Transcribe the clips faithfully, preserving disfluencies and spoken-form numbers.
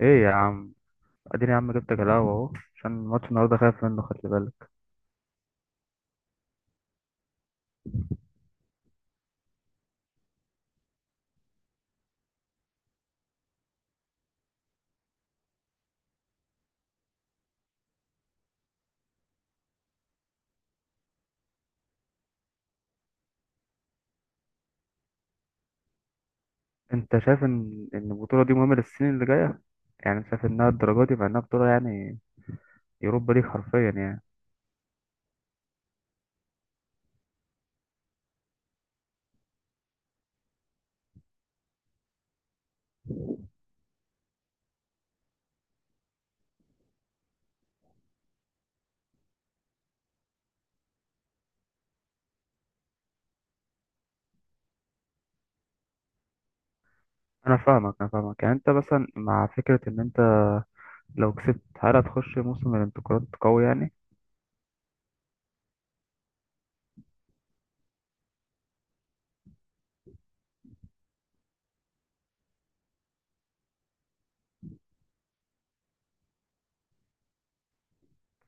ايه يا عم؟ اديني يا عم، جبتك القهوة اهو عشان ماتش النهارده، خايف منه، خلي بالك. انت شايف ان ان البطولة دي مهمة للسنين اللي جاية؟ يعني أنت شايف انها الدرجة دي مع انها بطولة يعني يوروبا ليج حرفيا يعني؟ انا فاهمك انا فاهمك، يعني انت مثلا مع فكرة ان انت لو كسبت هل هتخش موسم الانتقالات قوي يعني؟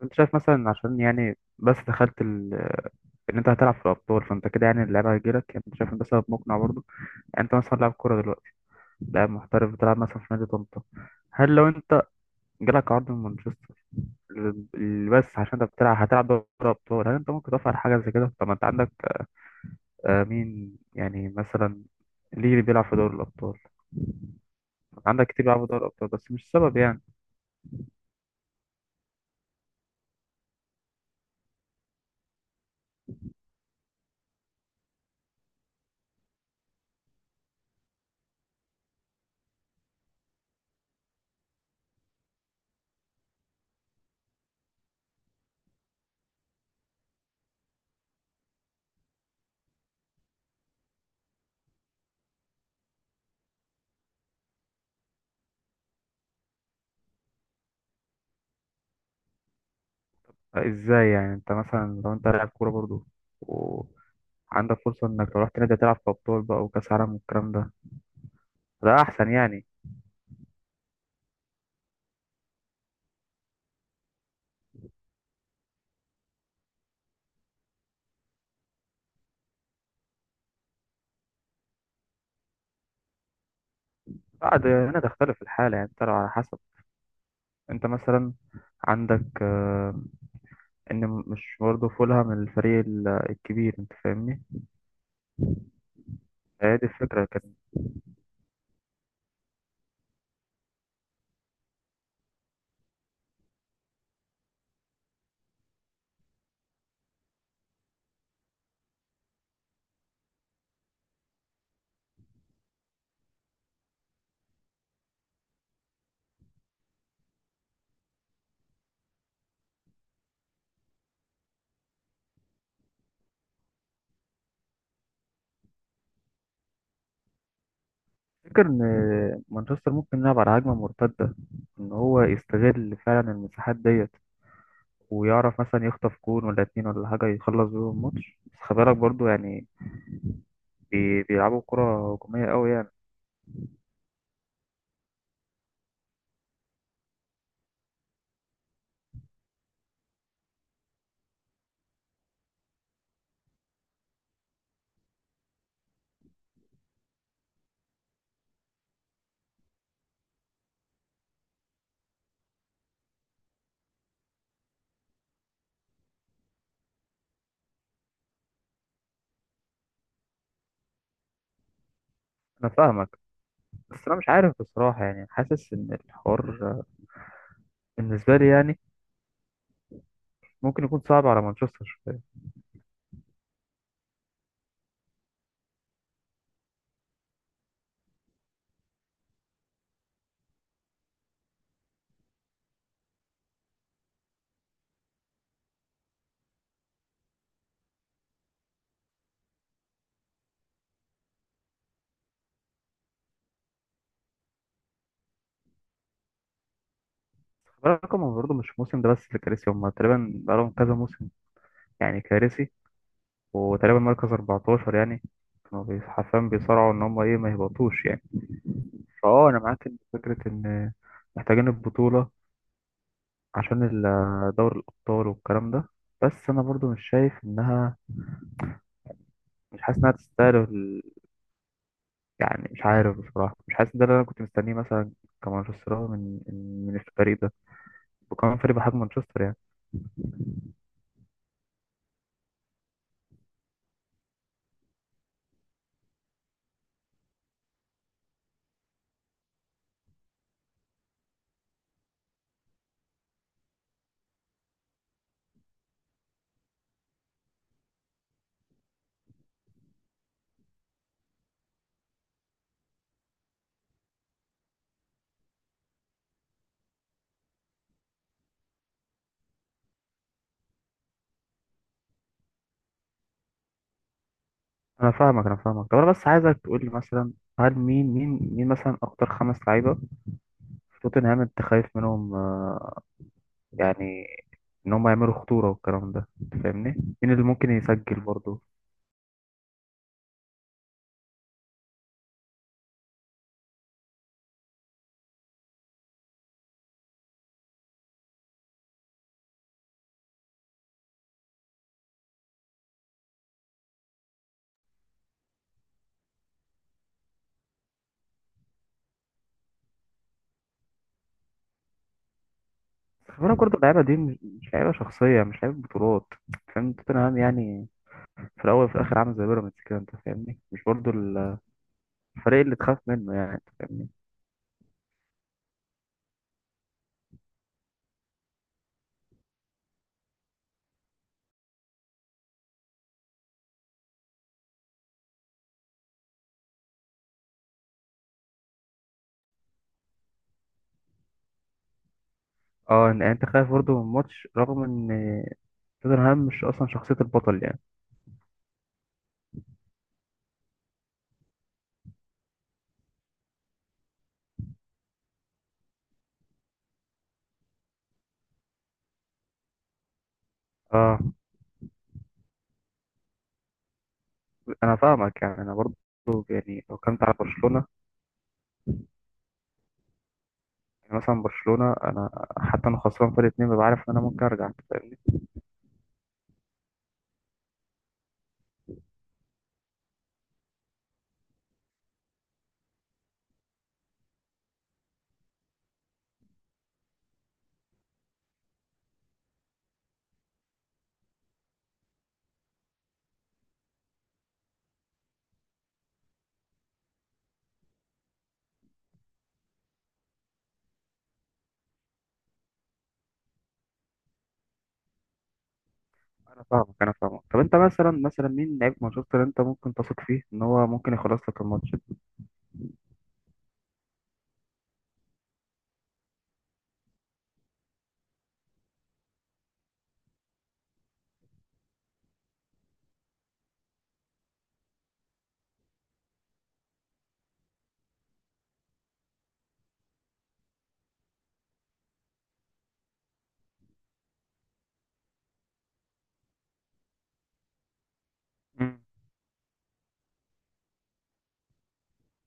انت شايف مثلا عشان يعني بس دخلت ال... ان انت هتلعب في الابطال فانت كده يعني اللعيبه هتجيلك، يعني انت شايف ان ده سبب مقنع برضه؟ يعني انت مثلا لاعب كوره دلوقتي، لاعب محترف بتلعب مثلا في نادي طنطا، هل لو انت جالك عرض من مانشستر، ال- بس عشان انت بتلعب هتلعب دوري ابطال، هل انت ممكن تفعل حاجه زي كده؟ طب ما انت عندك، آه، مين يعني مثلا؟ ليه اللي بيلعب في دوري الابطال؟ عندك كتير بيلعبوا في دوري الابطال بس مش سبب يعني. آه، ازاي يعني؟ انت مثلا لو انت لاعب كوره برضو وعندك فرصه انك لو رحت نادي تلعب في ابطال بقى وكاس عالم والكلام ده، ده احسن يعني. بعد هنا تختلف الحاله يعني، ترى على حسب. انت مثلا عندك، آه، ان مش برضه فولهام الفريق، ال- الكبير، انت فاهمني؟ هي دي الفكره. تفتكر إن مانشستر ممكن يلعب على هجمة مرتدة، إن هو يستغل فعلا المساحات ديت ويعرف مثلا يخطف جون ولا اتنين ولا حاجة يخلص بيهم الماتش؟ بس خلي بالك برضه يعني بي- بيلعبوا كرة هجومية قوي يعني. أنا فاهمك بس أنا مش عارف بصراحة، يعني حاسس إن الحوار بالنسبة لي يعني ممكن يكون صعب على مانشستر شوية. خلي بالك هما برضه مش الموسم ده بس اللي كارثي، هما تقريبا بقالهم كذا موسم يعني كارثي، وتقريبا مركز أربعة عشر يعني، كانوا بي- حرفيا بيصارعوا إن هما إيه ما يهبطوش يعني. اه، انا معاك ان فكره ان محتاجين البطوله عشان ال- دوري الابطال والكلام ده، بس انا برضو مش شايف انها، مش حاسس انها تستاهل ال- يعني مش عارف بصراحه، مش حاسس ده اللي انا كنت مستنيه مثلا كمانشستراوي، من من الفريق ده، وكمان فريق بحجم مانشستر يعني. انا فاهمك انا فاهمك، طب انا بس عايزك تقول لي مثلا، هل مين مين مين مثلا اكتر خمس لعيبه في توتنهام انت خايف منهم، آه، يعني ان هم يعملوا خطوره والكلام ده، أنت فاهمني؟ مين اللي ممكن يسجل برضو؟ خلي بالك برضه اللعيبة دي مش مش لعيبة شخصية، مش لعيبة بطولات، فاهم؟ توتنهام يعني في الأول وفي الآخر عامل زي بيراميدز كده، أنت فاهمني؟ مش برضه الفريق اللي تخاف منه يعني، أنت فاهمني؟ اه يعني أنت خايف برضه من ماتش رغم إن توتنهام مش أصلا شخصية البطل يعني. اه، أنا فاهمك يعني أنا برضه، يعني لو كنت على برشلونة، يعني مثلا برشلونة أنا، حتى أنا خسران فرق اتنين ببقى عارف إن أنا ممكن أرجع، أنت فاهمني؟ أنا فاهمك أنا فاهمك، طب أنت مثلا، مثلا مين لعيب مانشستر أنت ممكن تثق فيه إن هو ممكن يخلص لك الماتش؟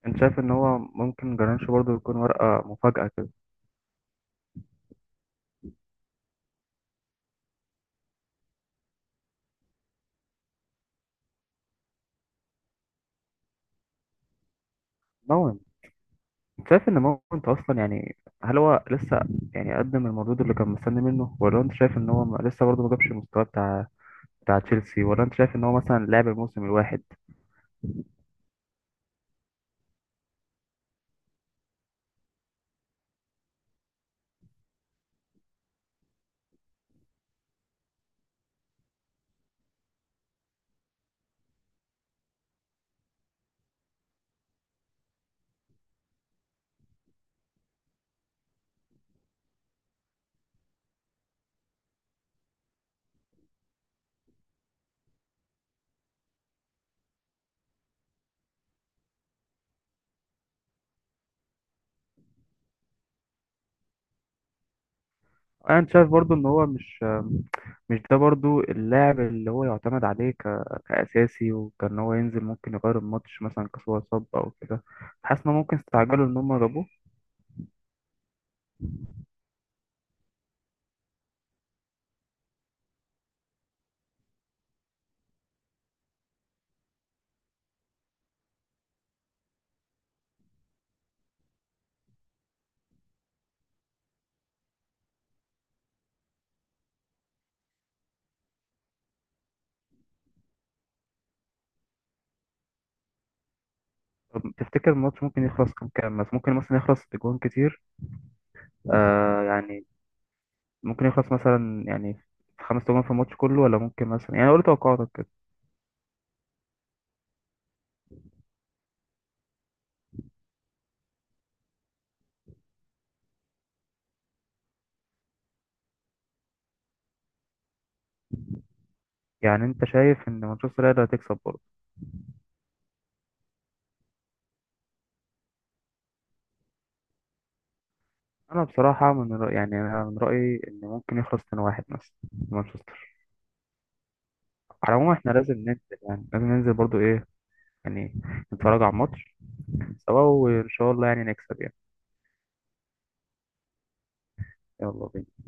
انت شايف ان هو ممكن جرانش برضه يكون ورقة مفاجأة كده؟ مون، انت شايف ان مون انت اصلا يعني، هل هو لسه يعني قدم المردود اللي كان مستني منه، ولا انت شايف ان هو م- لسه برضه ما جابش المستوى بتاع بتاع تشيلسي، ولا انت شايف ان هو مثلا لعب الموسم الواحد؟ انا، انت شايف برضه ان هو مش مش ده برضه اللاعب اللي هو يعتمد عليه ك... كأساسي، وكان هو ينزل ممكن يغير الماتش مثلا كسوة اتصاب او كده؟ حاسس ان هم ممكن استعجلوا ان هم جابوه؟ طب تفتكر الماتش ممكن يخلص كام كام؟ بس ممكن مثلا يخلص اجوان كتير، آه يعني، ممكن يخلص مثلا يعني في خمس تجوان في الماتش كله، ولا ممكن مثلا، يعني قول توقعاتك كده. يعني انت شايف ان مانشستر هي اللي هتكسب برضه؟ انا بصراحه من رأيي، يعني انا من رايي ان ممكن يخلص اتنين واحد مثلا، مانشستر. على العموم احنا لازم ننزل يعني، لازم ننزل برضه ايه يعني، نتفرج على الماتش سوا، وان شاء الله يعني نكسب يعني. يلا بينا.